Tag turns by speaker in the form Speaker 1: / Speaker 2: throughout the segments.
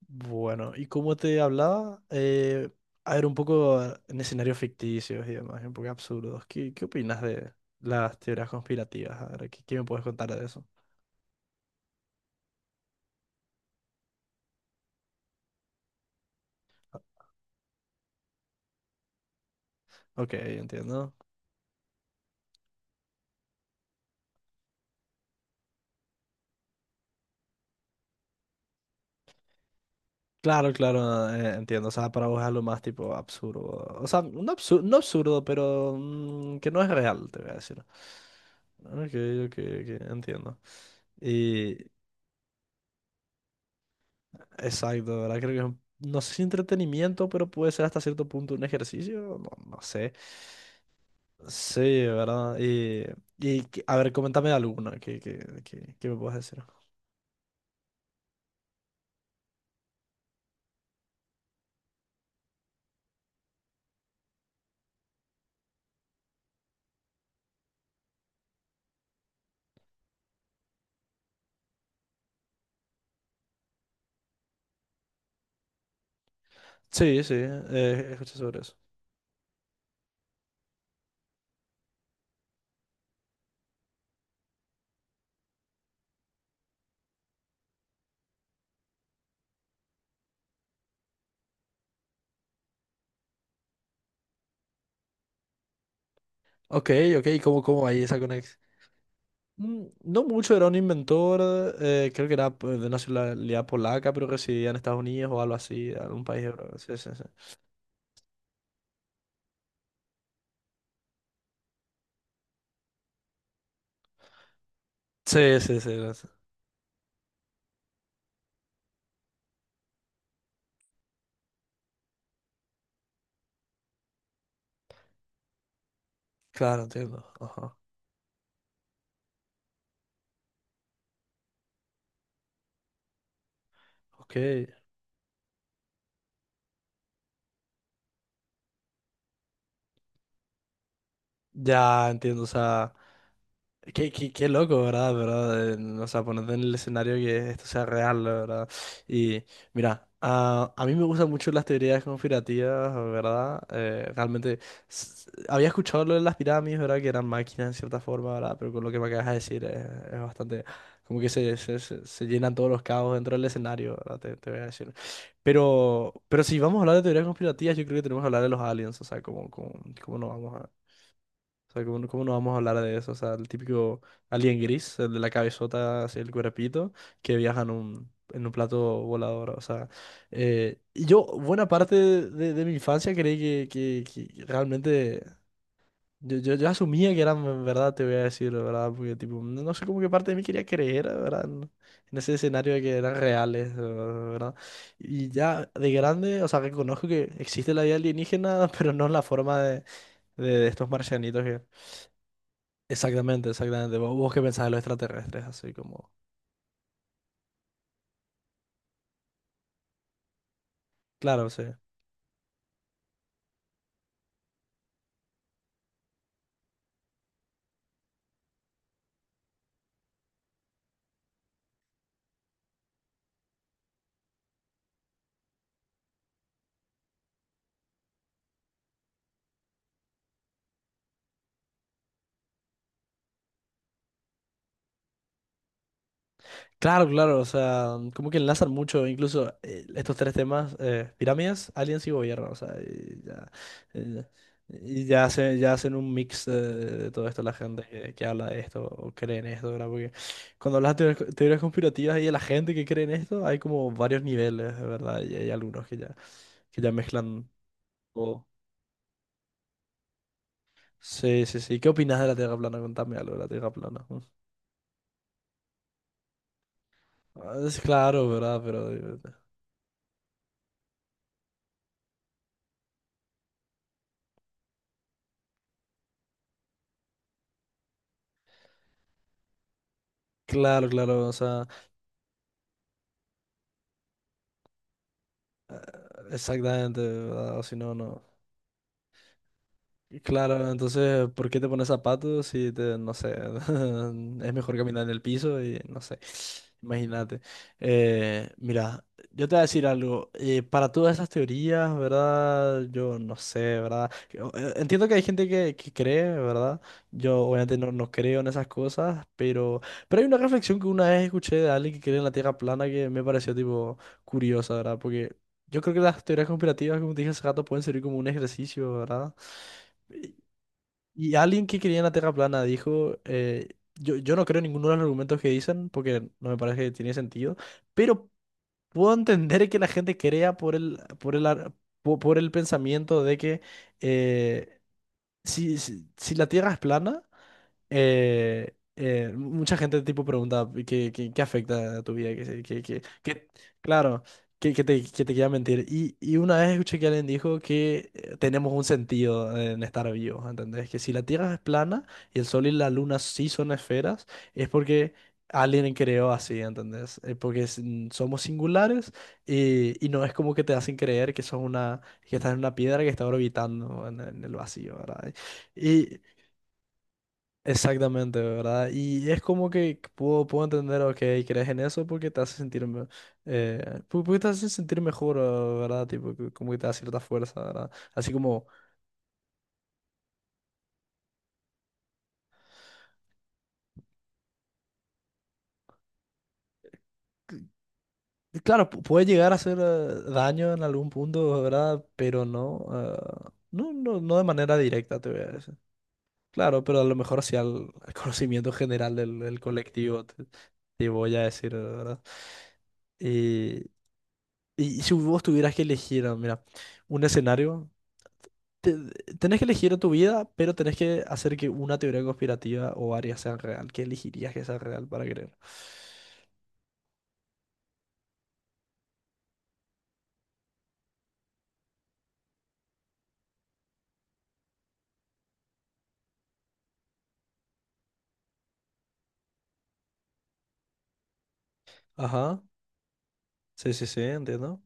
Speaker 1: Bueno, y como te hablaba, a ver, un poco en escenarios ficticios y demás, un poco absurdos. ¿Qué opinas de las teorías conspirativas? A ver, ¿qué me puedes contar de eso? Ok, entiendo. Claro, claro, entiendo. O sea, para vos es lo más tipo absurdo. O sea, no absurdo, no absurdo, pero que no es real, te voy a decir. Ok, ok, ok, entiendo. Y exacto, ¿verdad? Creo que es un... no sé si entretenimiento, pero puede ser hasta cierto punto un ejercicio, no, no sé. Sí, ¿verdad? Y que... a ver, coméntame alguna que me puedas decir. Sí, sí, escuché sobre eso. Ok, ok, ¿y cómo ahí esa conexión? No mucho, era un inventor, creo que era pues, de nacionalidad polaca, pero residía en Estados Unidos o algo así, en algún país de Europa. Sí, sí, sí. Sí, sí, sí, no sé. Claro, entiendo. Ajá. Ok, ya entiendo, o sea... Qué loco, ¿verdad? ¿Verdad? O sea, ponerte en el escenario que esto sea real, la ¿verdad? Y mira, a mí me gustan mucho las teorías conspirativas, ¿verdad? Realmente había escuchado lo de las pirámides, ¿verdad? Que eran máquinas en cierta forma, ¿verdad? Pero con lo que me acabas de decir es bastante... Como que se llenan todos los cabos dentro del escenario, ¿verdad? Te voy a decir. Pero si vamos a hablar de teorías conspirativas, yo creo que tenemos que hablar de los aliens, o sea, como cómo no vamos o sea, ¿cómo no vamos a hablar de eso? O sea, el típico alien gris, el de la cabezota hacia el cuerpito, que viaja en un plato volador. O sea, y yo buena parte de, de mi infancia creí que, que realmente... Yo asumía que eran verdad, te voy a decir, ¿verdad? Porque tipo, no, no sé cómo que parte de mí quería creer, ¿verdad? En ese escenario de que eran reales, ¿verdad? Y ya de grande, o sea, reconozco que existe la vida alienígena, pero no en la forma de, de estos marcianitos. Que Exactamente, exactamente. ¿Vos qué pensás de los extraterrestres? Así como. Claro, sí. Claro, claro, o sea, como que enlazan mucho, incluso estos tres temas: pirámides, aliens y gobierno, o sea, eh, y ya, ya hacen un mix de todo esto la gente que habla de esto o cree en esto, ¿verdad? Porque cuando hablas de teorías conspirativas y de la gente que cree en esto, hay como varios niveles, ¿verdad? Y hay algunos que ya mezclan todo. Sí, sí, sí. ¿Qué opinas de la Tierra plana? Contame algo de la Tierra plana. Ah, Es claro, ¿verdad? Pero, claro, claro, o sea, exactamente, ¿verdad? O si no, no. Claro, entonces, ¿por qué te pones zapatos si te, no sé, es mejor caminar en el piso y no sé, imagínate. Mira, yo te voy a decir algo, para todas esas teorías, ¿verdad? Yo no sé, ¿verdad? Que, Entiendo que hay gente que cree, ¿verdad? Yo obviamente no, no creo en esas cosas, pero hay una reflexión que una vez escuché de alguien que cree en la Tierra plana que me pareció tipo curiosa, ¿verdad? Porque yo creo que las teorías conspirativas, como te dije hace rato, pueden servir como un ejercicio, ¿verdad? Y alguien que creía en la Tierra plana dijo, yo, yo no creo en ninguno de los argumentos que dicen porque no me parece que tiene sentido, pero puedo entender que la gente crea por el, por el pensamiento de que eh, si la Tierra es plana, mucha gente tipo pregunta qué afecta a tu vida, que, claro, que te quiera mentir. Y una vez escuché que alguien dijo que tenemos un sentido en estar vivos, ¿entendés? Que si la Tierra es plana y el Sol y la Luna sí son esferas, es porque alguien creó así, ¿entendés? Porque somos singulares y no es como que te hacen creer que sos una, que estás en una piedra que está orbitando en el vacío, ¿verdad? Exactamente, ¿verdad? Y es como que puedo, puedo entender, ok, crees en eso porque te hace sentir, eh, porque te hace sentir mejor, ¿verdad? Tipo, que... como que te da cierta fuerza, ¿verdad? Así como, y claro, puede llegar a hacer daño en algún punto, ¿verdad? Pero no, no, no, no de manera directa, te voy a decir. Claro, pero a lo mejor hacia el conocimiento general del, del colectivo, te voy a decir, ¿verdad? Y, y si vos tuvieras que elegir, ah, mira, un escenario. te- tenés que elegir en tu vida, pero tenés que hacer que una teoría conspirativa o varias sean real. ¿Qué elegirías que sea real para creer? Ajá. Sí, sí, sí, entiendo.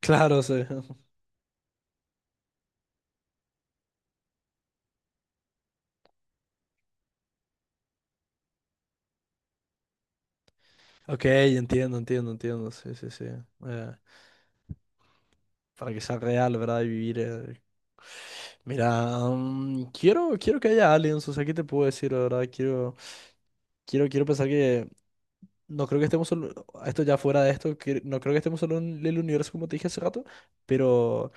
Speaker 1: Claro, sí. Ok, entiendo, entiendo, entiendo. Sí, sí, sí. Eh, para que sea real, ¿verdad? Y vivir. Mira, mm, quiero, quiero que haya aliens. O sea, ¿qué te puedo decir, la verdad? Quiero, quiero, quiero pensar que. No creo que estemos solo. Esto ya fuera de esto. No creo que estemos solo en el universo, como te dije hace rato. Pero.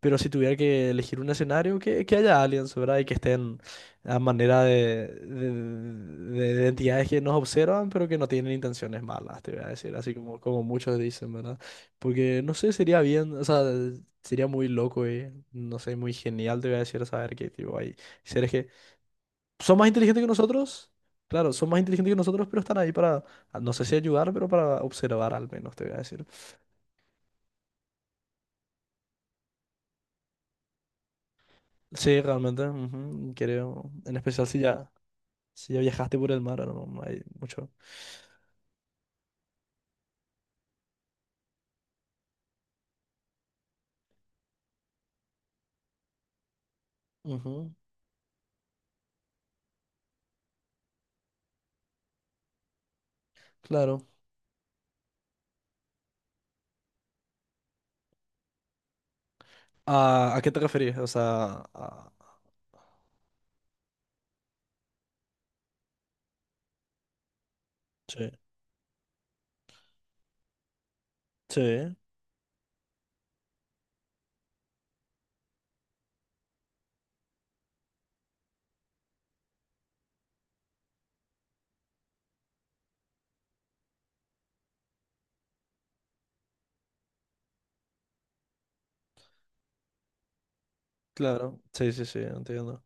Speaker 1: Pero si tuviera que elegir un escenario, que haya aliens, ¿verdad? Y que estén a manera de, de entidades que nos observan, pero que no tienen intenciones malas, te voy a decir, así como, como muchos dicen, ¿verdad? Porque, no sé, sería bien, o sea, sería muy loco y, no sé, muy genial, te voy a decir, saber que, tipo, hay seres que son más inteligentes que nosotros, claro, son más inteligentes que nosotros, pero están ahí para, no sé si ayudar, pero para observar al menos, te voy a decir. Sí, realmente, ujú, creo, en especial si ya... Si ya viajaste por el mar, ahora no, no hay mucho. Ujú, Claro. A qué te referís? O sea, a... Sí, sí. claro. Sí, sí, sí, entiendo.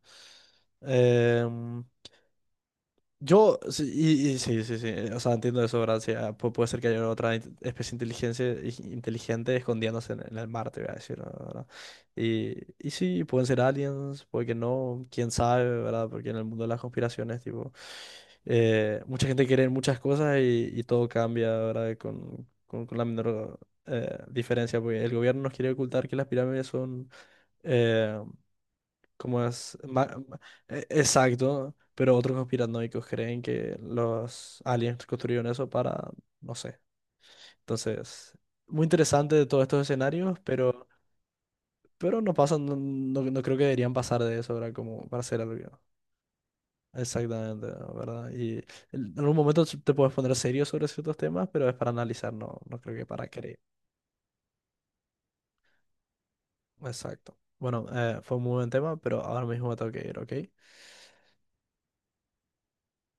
Speaker 1: Yo, sí, y sí, sí, sí, o sea, entiendo eso, ¿verdad? Sí, ah, puede ser que haya otra especie inteligencia, inteligente escondiéndose en el mar, te voy a decir, ¿verdad? Y sí, pueden ser aliens, puede que no, quién sabe, ¿verdad? Porque en el mundo de las conspiraciones, tipo, mucha gente quiere en muchas cosas y todo cambia, ¿verdad? Con la menor diferencia, porque el gobierno nos quiere ocultar que las pirámides son... eh, como es, exacto, pero otros conspiranoicos creen que los aliens construyeron eso para, no sé. Entonces, muy interesante de todos estos escenarios, pero no pasan, no, no creo que deberían pasar de eso, ¿verdad? Como para hacer algo. Exactamente, ¿verdad? Y en algún momento te puedes poner serio sobre ciertos temas, pero es para analizar, no, no creo que para creer. Exacto. Bueno, fue un muy buen tema, pero ahora mismo me tengo que ir, ¿ok?